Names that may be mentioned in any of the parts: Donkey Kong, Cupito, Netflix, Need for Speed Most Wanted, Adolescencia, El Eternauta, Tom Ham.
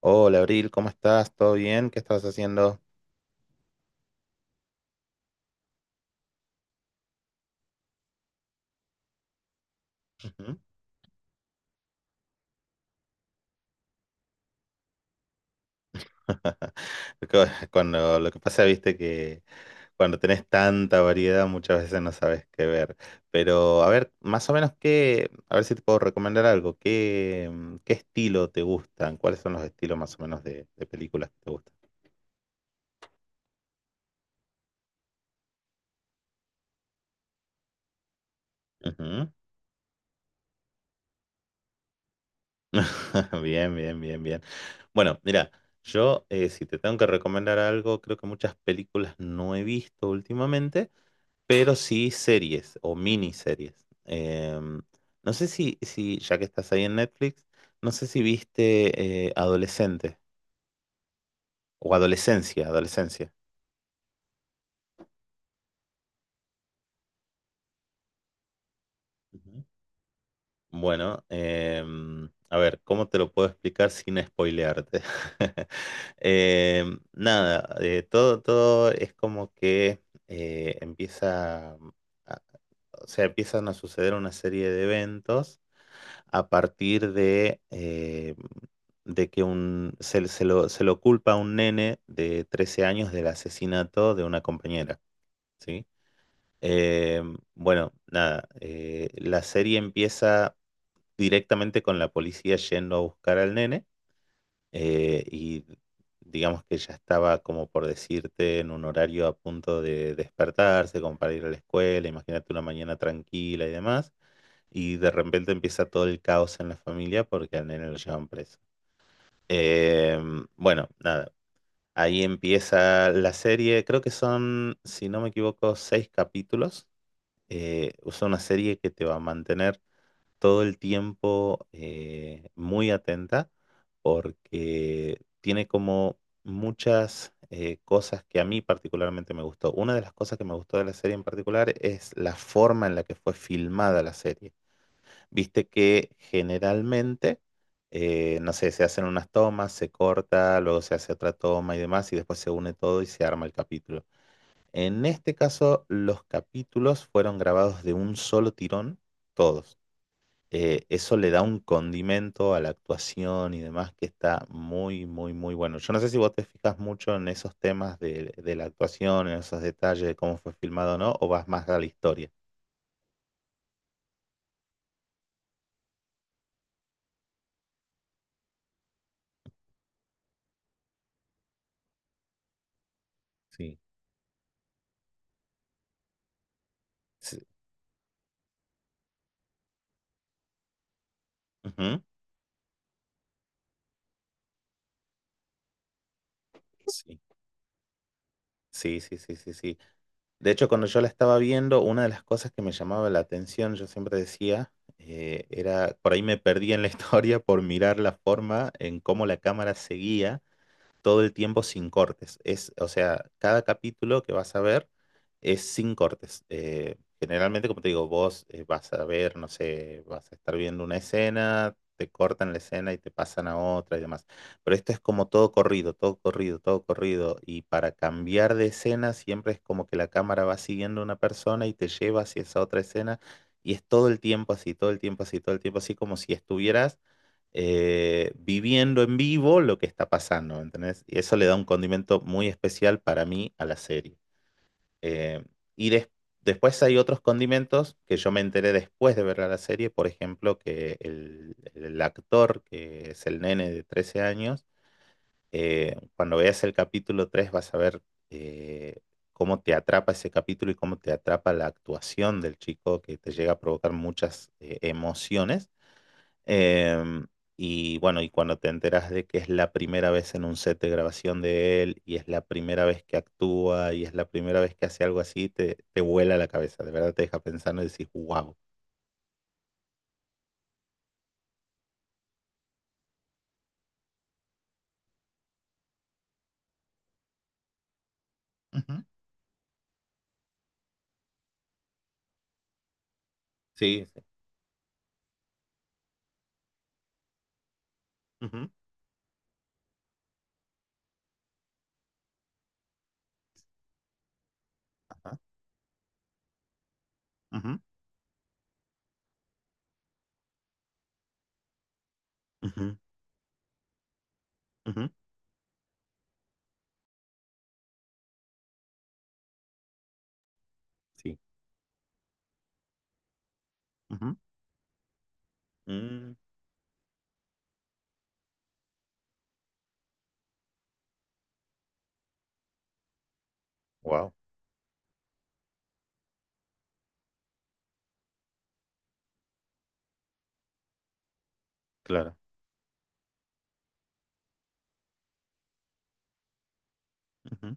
Hola, Abril, ¿cómo estás? ¿Todo bien? ¿Qué estás haciendo? Ujú. Co- Cuando lo que pasa, viste que cuando tenés tanta variedad muchas veces no sabes qué ver. Pero a ver, más o menos qué, a ver si te puedo recomendar algo. ¿Qué, qué estilo te gustan? ¿Cuáles son los estilos más o menos de películas que te gustan? Ujú. Bien, bien, bien, bien. Bueno, mira, yo si te tengo que recomendar algo, creo que muchas películas no he visto últimamente, pero sí series o miniseries. Em, no sé si ya que estás ahí en Netflix, no sé si viste Adolescente o Adolescencia, Adolescencia. Ujú. Bueno, a ver, ¿cómo te lo puedo explicar sin spoilearte? Nada, todo es como que empieza, a- o sea, empiezan a suceder una serie de eventos a partir de que un, se, se lo culpa a un nene de 13 años del asesinato de una compañera, ¿sí? Eh, bueno, nada, la serie empieza directamente con la policía yendo a buscar al nene y digamos que ya estaba como por decirte en un horario a punto de despertarse, como para ir a la escuela, imagínate una mañana tranquila y demás. Y de repente empieza todo el caos en la familia porque al nene lo llevan preso. Bueno, nada, ahí empieza la serie. Creo que son, si no me equivoco, 6 capítulos. Es una serie que te va a mantener todo el tiempo muy atenta porque tiene como muchas cosas que a mí particularmente me gustó. Una de las cosas que me gustó de la serie en particular es la forma en la que fue filmada la serie. Viste que generalmente, no sé, se hacen unas tomas, se corta, luego se hace otra toma y demás, y después se une todo y se arma el capítulo. En este caso, los capítulos fueron grabados de un solo tirón, todos. Eso le da un condimento a la actuación y demás que está muy, muy, muy bueno. Yo no sé si vos te fijas mucho en esos temas de la actuación, en esos detalles de cómo fue filmado o no, o vas más a la historia. Sí. Sí. Ujú. Sí, sí, sí, sí, sí, sí. De hecho, cuando yo la estaba viendo, una de las cosas que me llamaba la atención, yo siempre decía, era, por ahí me perdí en la historia por mirar la forma en cómo la cámara seguía todo el tiempo sin cortes. Es, o sea, cada capítulo que vas a ver es sin cortes. Generalmente, como te digo, vos vas a ver, no sé, vas a estar viendo una escena, te cortan la escena y te pasan a otra y demás. Pero esto es como todo corrido, todo corrido, todo corrido. Y para cambiar de escena siempre es como que la cámara va siguiendo a una persona y te lleva hacia esa otra escena. Y es todo el tiempo así, todo el tiempo así, todo el tiempo así, como si estuvieras viviendo en vivo lo que está pasando, ¿entendés? Y eso le da un condimento muy especial para mí a la serie. Eh, y des- después hay otros condimentos que yo me enteré después de ver la serie, por ejemplo, que el actor, que es el nene de 13 años, cuando veas el capítulo 3 vas a ver eh, cómo te atrapa ese capítulo y cómo te atrapa la actuación del chico, que te llega a provocar muchas emociones. Em, y bueno, y cuando te enteras de que es la primera vez en un set de grabación de él, y es la primera vez que actúa, y es la primera vez que hace algo así, te vuela la cabeza, de verdad te deja pensando y decís, wow. Ujú. Sí, sí. Ujú. Ajá, ujú, ujú, ujú, sí. Ujú. Mm, wow, claro. Ujú.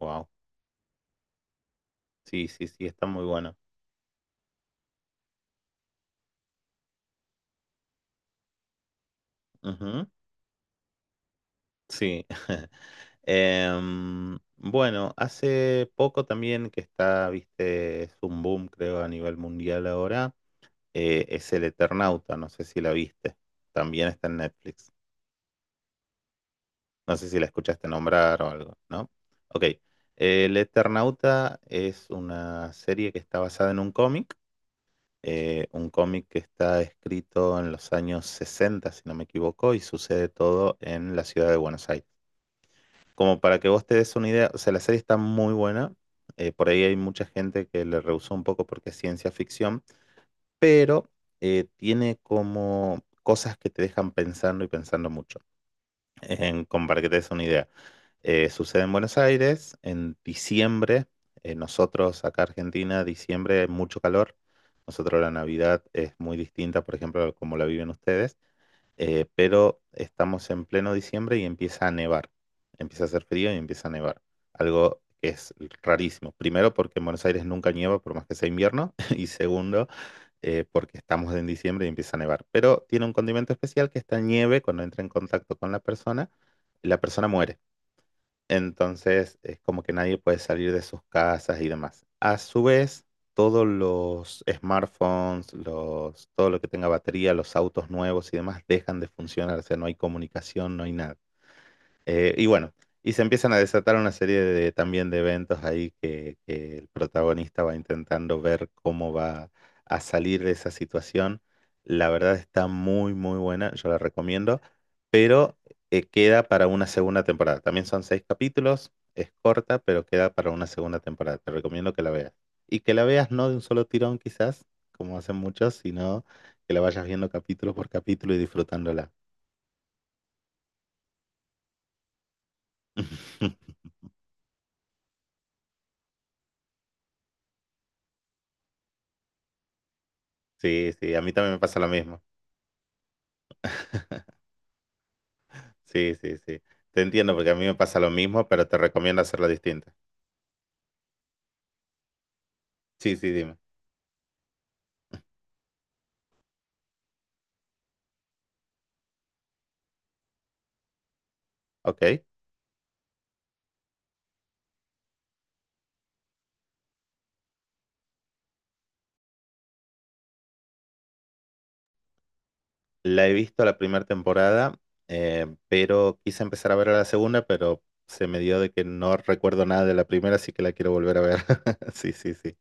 Wow. Sí, sí, sí, está muy bueno. Ujú. Sí. Bueno, hace poco también que está, viste, es un boom, creo, a nivel mundial ahora, es El Eternauta, no sé si la viste, también está en Netflix, no sé si la escuchaste nombrar o algo, ¿no? Ok, El Eternauta es una serie que está basada en un cómic que está escrito en los años 60 si no me equivoco, y sucede todo en la ciudad de Buenos Aires. Como para que vos te des una idea, o sea, la serie está muy buena. Por ahí hay mucha gente que le rehusó un poco porque es ciencia ficción, pero tiene como cosas que te dejan pensando y pensando mucho. Como para que te des una idea. Sucede en Buenos Aires en diciembre. Nosotros acá Argentina, diciembre, mucho calor. Nosotros la Navidad es muy distinta, por ejemplo, a como la viven ustedes, pero estamos en pleno diciembre y empieza a nevar. Empieza a hacer frío y empieza a nevar. Algo que es rarísimo. Primero, porque en Buenos Aires nunca nieva, por más que sea invierno. Y segundo, porque estamos en diciembre y empieza a nevar. Pero tiene un condimento especial, que esta nieve, cuando entra en contacto con la persona muere. Entonces es como que nadie puede salir de sus casas y demás. A su vez, todos los smartphones, todo lo que tenga batería, los autos nuevos y demás dejan de funcionar. O sea, no hay comunicación, no hay nada. Y bueno, y se empiezan a desatar una serie de, también de eventos ahí que el protagonista va intentando ver cómo va a salir de esa situación. La verdad está muy, muy buena, yo la recomiendo, pero queda para una segunda temporada. También son 6 capítulos, es corta, pero queda para una segunda temporada. Te recomiendo que la veas. Y que la veas no de un solo tirón quizás, como hacen muchos, sino que la vayas viendo capítulo por capítulo y disfrutándola. Sí, sí, a mí también me pasa lo mismo. Sí, sí, sí. Te entiendo porque a mí me pasa lo mismo, pero te recomiendo hacerla distinta. Sí, sí, dime. Ok. La he visto la primera temporada, pero quise empezar a ver la segunda, pero se me dio de que no recuerdo nada de la primera, así que la quiero volver a ver. Sí, sí, sí.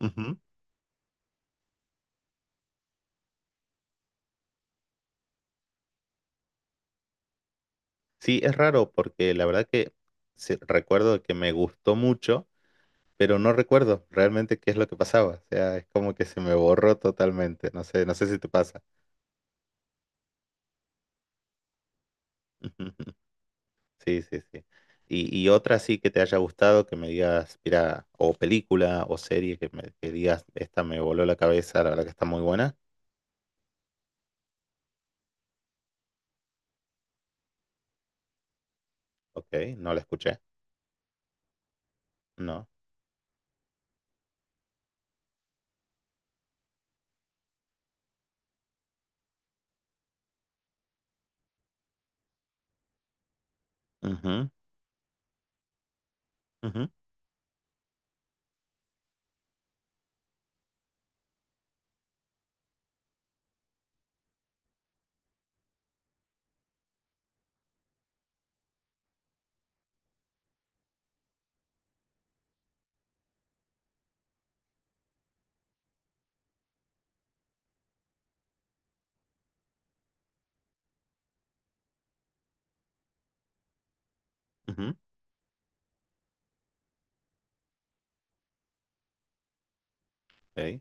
Ujú. Sí, es raro porque la verdad que sí, recuerdo que me gustó mucho, pero no recuerdo realmente qué es lo que pasaba. O sea, es como que se me borró totalmente. No sé, no sé si te pasa. Sí, sí, sí. Y otra sí que te haya gustado, que me digas, mira, o película o serie que, que digas, esta me voló la cabeza, la verdad que está muy buena. Ok, no la escuché. No. Ujú, ujú, ujú, ok,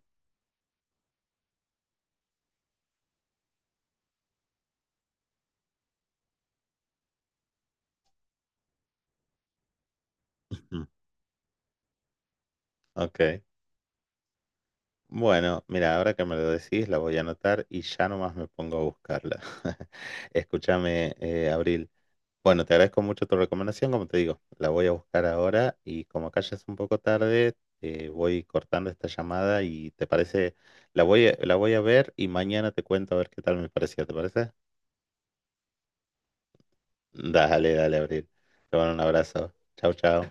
ujú, ok. Bueno, mira, ahora que me lo decís, la voy a anotar y ya nomás me pongo a buscarla. Escúchame, Abril. Bueno, te agradezco mucho tu recomendación, como te digo, la voy a buscar ahora y como acá ya es un poco tarde, voy cortando esta llamada y te parece, la voy a ver y mañana te cuento a ver qué tal me pareció, ¿te parece? Dale, dale, Abril. Te mando un abrazo. Chau, chau.